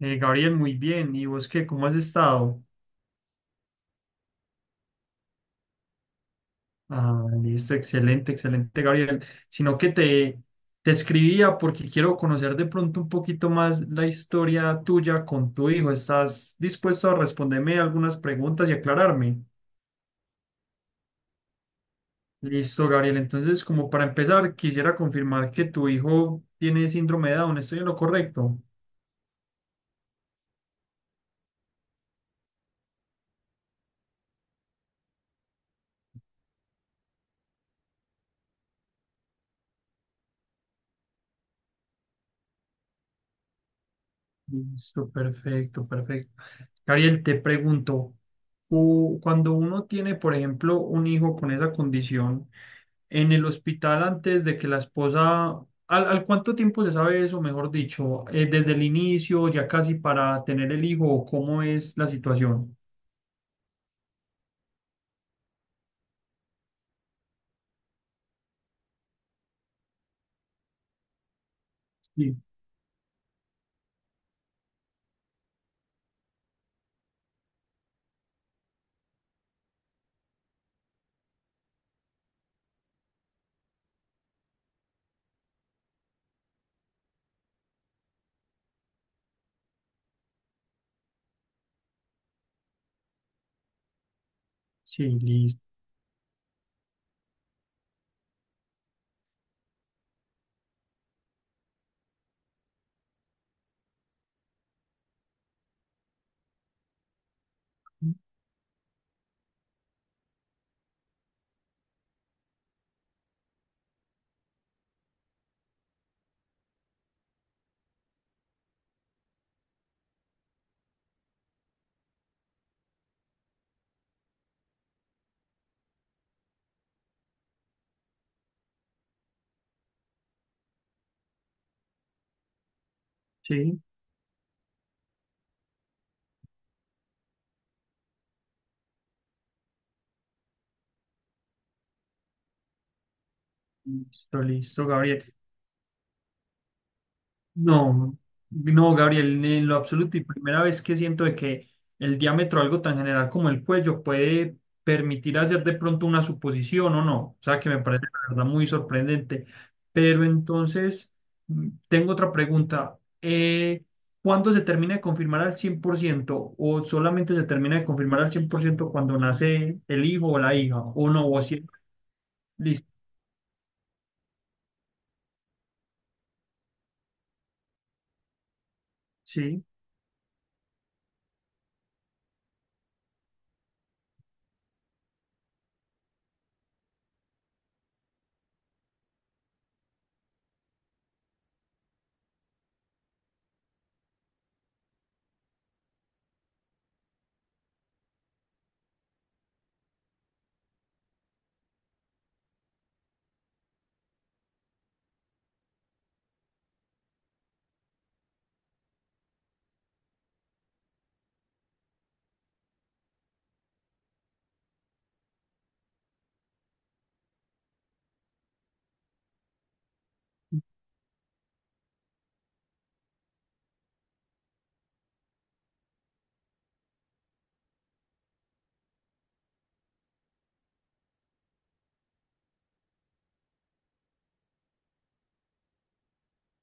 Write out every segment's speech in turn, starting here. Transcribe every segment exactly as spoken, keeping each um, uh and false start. Eh, Gabriel, muy bien. ¿Y vos qué? ¿Cómo has estado? Ah, listo, excelente, excelente, Gabriel. Sino que te, te escribía porque quiero conocer de pronto un poquito más la historia tuya con tu hijo. ¿Estás dispuesto a responderme algunas preguntas y aclararme? Listo, Gabriel. Entonces, como para empezar, quisiera confirmar que tu hijo tiene síndrome de Down. ¿Estoy en lo correcto? Listo, perfecto, perfecto. Gabriel, te pregunto, u- cuando uno tiene, por ejemplo, un hijo con esa condición en el hospital antes de que la esposa, ¿al, ¿al cuánto tiempo se sabe eso, mejor dicho? Eh, ¿desde el inicio, ya casi para tener el hijo, o cómo es la situación? Sí, sí, listo, sí, listo, listo, Gabriel. No, no, Gabriel, en lo absoluto y primera vez que siento de que el diámetro, algo tan general como el cuello, puede permitir hacer de pronto una suposición o no. O sea, que me parece la verdad muy sorprendente. Pero entonces, mm, tengo otra pregunta. Eh, ¿cuándo se termina de confirmar al cien por ciento o solamente se termina de confirmar al cien por ciento cuando nace el hijo o la hija? ¿O no? ¿O siempre? Listo. Sí.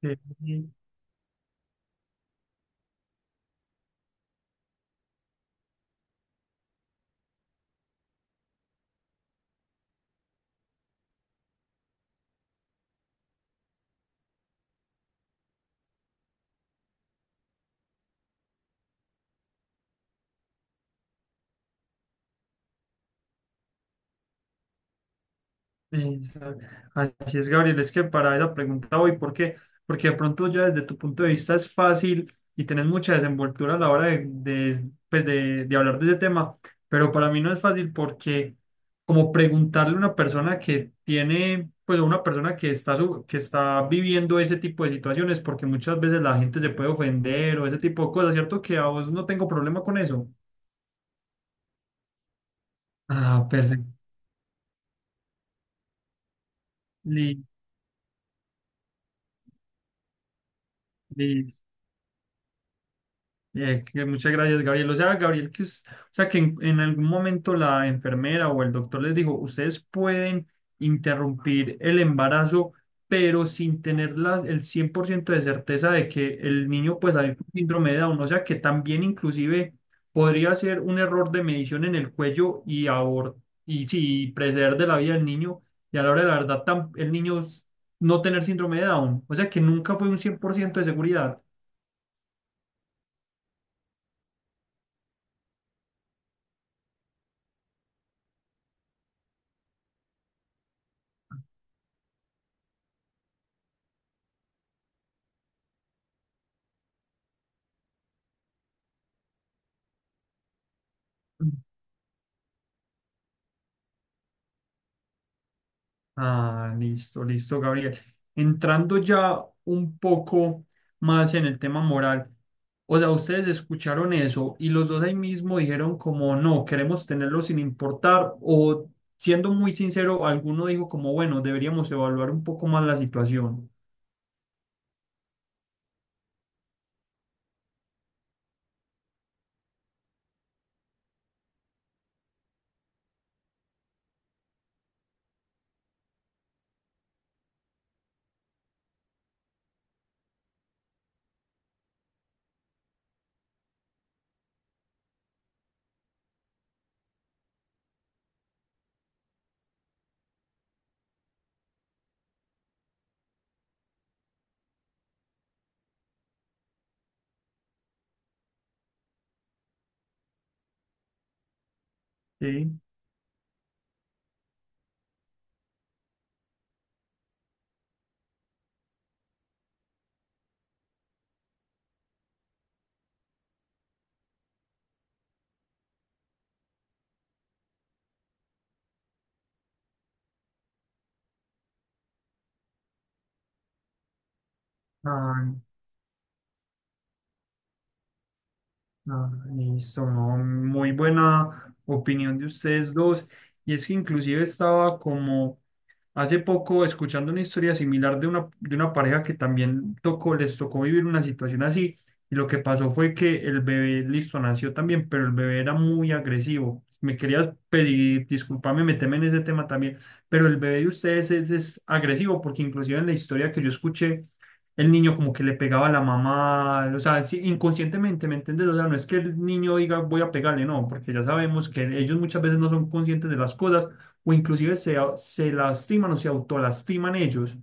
Sí. Exacto. Así es, Gabriel, es que para esa pregunta voy, ¿por qué? Porque de pronto ya desde tu punto de vista es fácil y tenés mucha desenvoltura a la hora de, de, pues, de- de hablar de ese tema, pero para mí no es fácil porque como preguntarle a una persona que tiene, pues a una persona que está, su- que está viviendo ese tipo de situaciones, porque muchas veces la gente se puede ofender o ese tipo de cosas, ¿cierto? Que a vos no tengo problema con eso. Ah, perfecto. Listo. Eh, que muchas gracias, Gabriel. O sea, Gabriel, que, us- o sea, que en, en algún momento la enfermera o el doctor les dijo, ustedes pueden interrumpir el embarazo, pero sin tener las- el cien por ciento de certeza de que el niño puede salir con síndrome de Down. O sea, que también inclusive podría ser un error de medición en el cuello y, abor- y sí, preceder de la vida del niño. Y a la hora de la verdad, tam- el niño s- no tener síndrome de Down. O sea, que nunca fue un cien por ciento de seguridad. Ah, listo, listo, Gabriel. Entrando ya un poco más en el tema moral, o sea, ustedes escucharon eso y los dos ahí mismo dijeron como no, queremos tenerlo sin importar o siendo muy sincero, alguno dijo como bueno, deberíamos evaluar un poco más la situación. Sí. Ah, ah, listo, no, muy buena opinión de ustedes dos. Y es que inclusive estaba como hace poco, escuchando una historia similar de una, de una pareja que también tocó, les tocó vivir una situación así, y lo que pasó fue que el bebé, listo, nació también, pero el bebé era muy agresivo. Me querías pedir, disculpame, meterme en ese tema también, pero el bebé de ustedes es, es agresivo, porque inclusive en la historia que yo escuché, el niño como que le pegaba a la mamá, o sea, sí, inconscientemente, ¿me entiendes? O sea, no es que el niño diga voy a pegarle, no, porque ya sabemos que ellos muchas veces no son conscientes de las cosas o inclusive se, se lastiman o se autolastiman ellos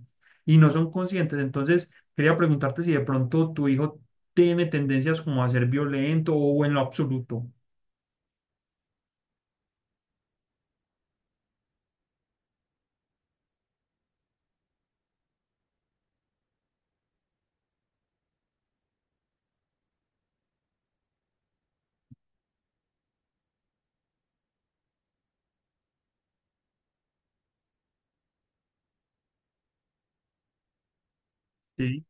y no son conscientes. Entonces, quería preguntarte si de pronto tu hijo tiene tendencias como a ser violento o en lo absoluto. Sí,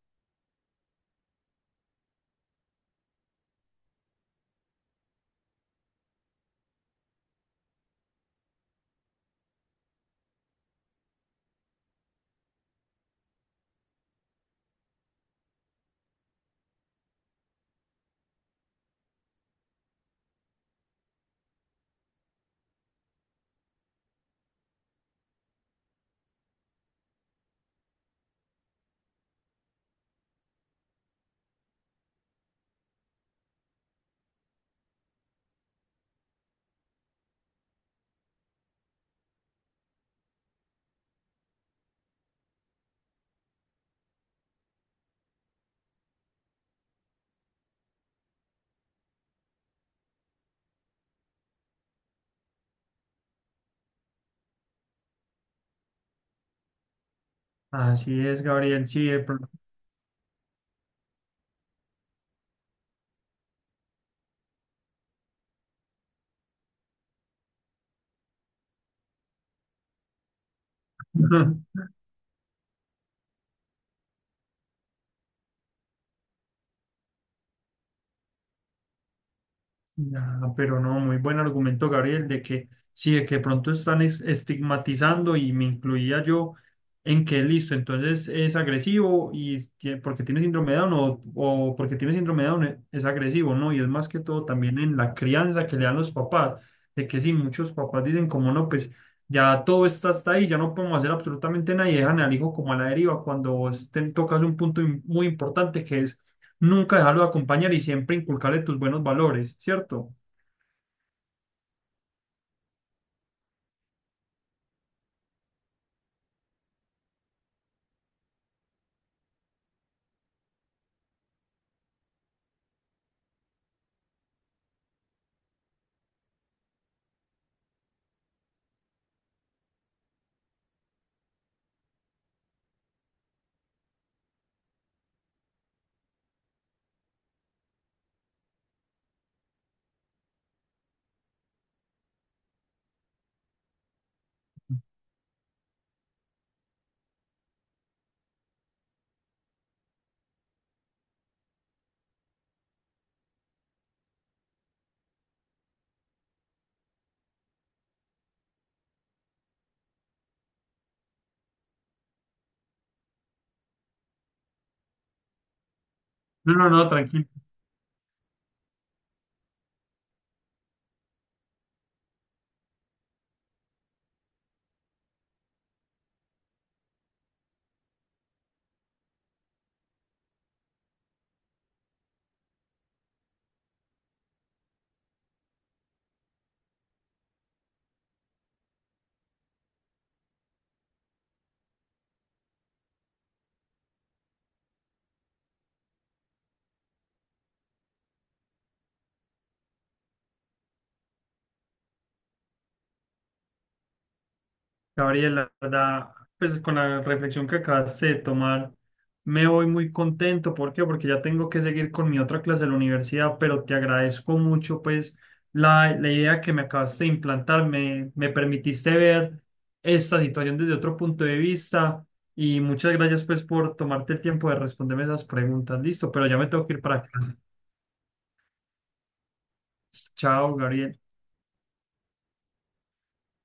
así es, Gabriel, sí, de pronto. Ya, pero no, muy buen argumento, Gabriel, de que sí, de que pronto están es- estigmatizando y me incluía yo en que listo, entonces es agresivo y tie- porque tiene síndrome de Down o, o porque tiene síndrome de Down e- es agresivo, ¿no? Y es más que todo también en la crianza que le dan los papás, de que sí, muchos papás dicen como no, pues ya todo está hasta ahí, ya no podemos hacer absolutamente nada y dejan al hijo como a la deriva cuando vos te tocas un punto im- muy importante que es nunca dejarlo de acompañar y siempre inculcarle tus buenos valores, ¿cierto? No, no, no, tranquilo. Gabriela, la verdad, pues con la reflexión que acabaste de tomar, me voy muy contento. ¿Por qué? Porque ya tengo que seguir con mi otra clase de la universidad, pero te agradezco mucho, pues, la, la idea que me acabaste de implantar. Me, me permitiste ver esta situación desde otro punto de vista y muchas gracias, pues, por tomarte el tiempo de responderme esas preguntas. Listo, pero ya me tengo que ir para clase. Chao, Gabriel.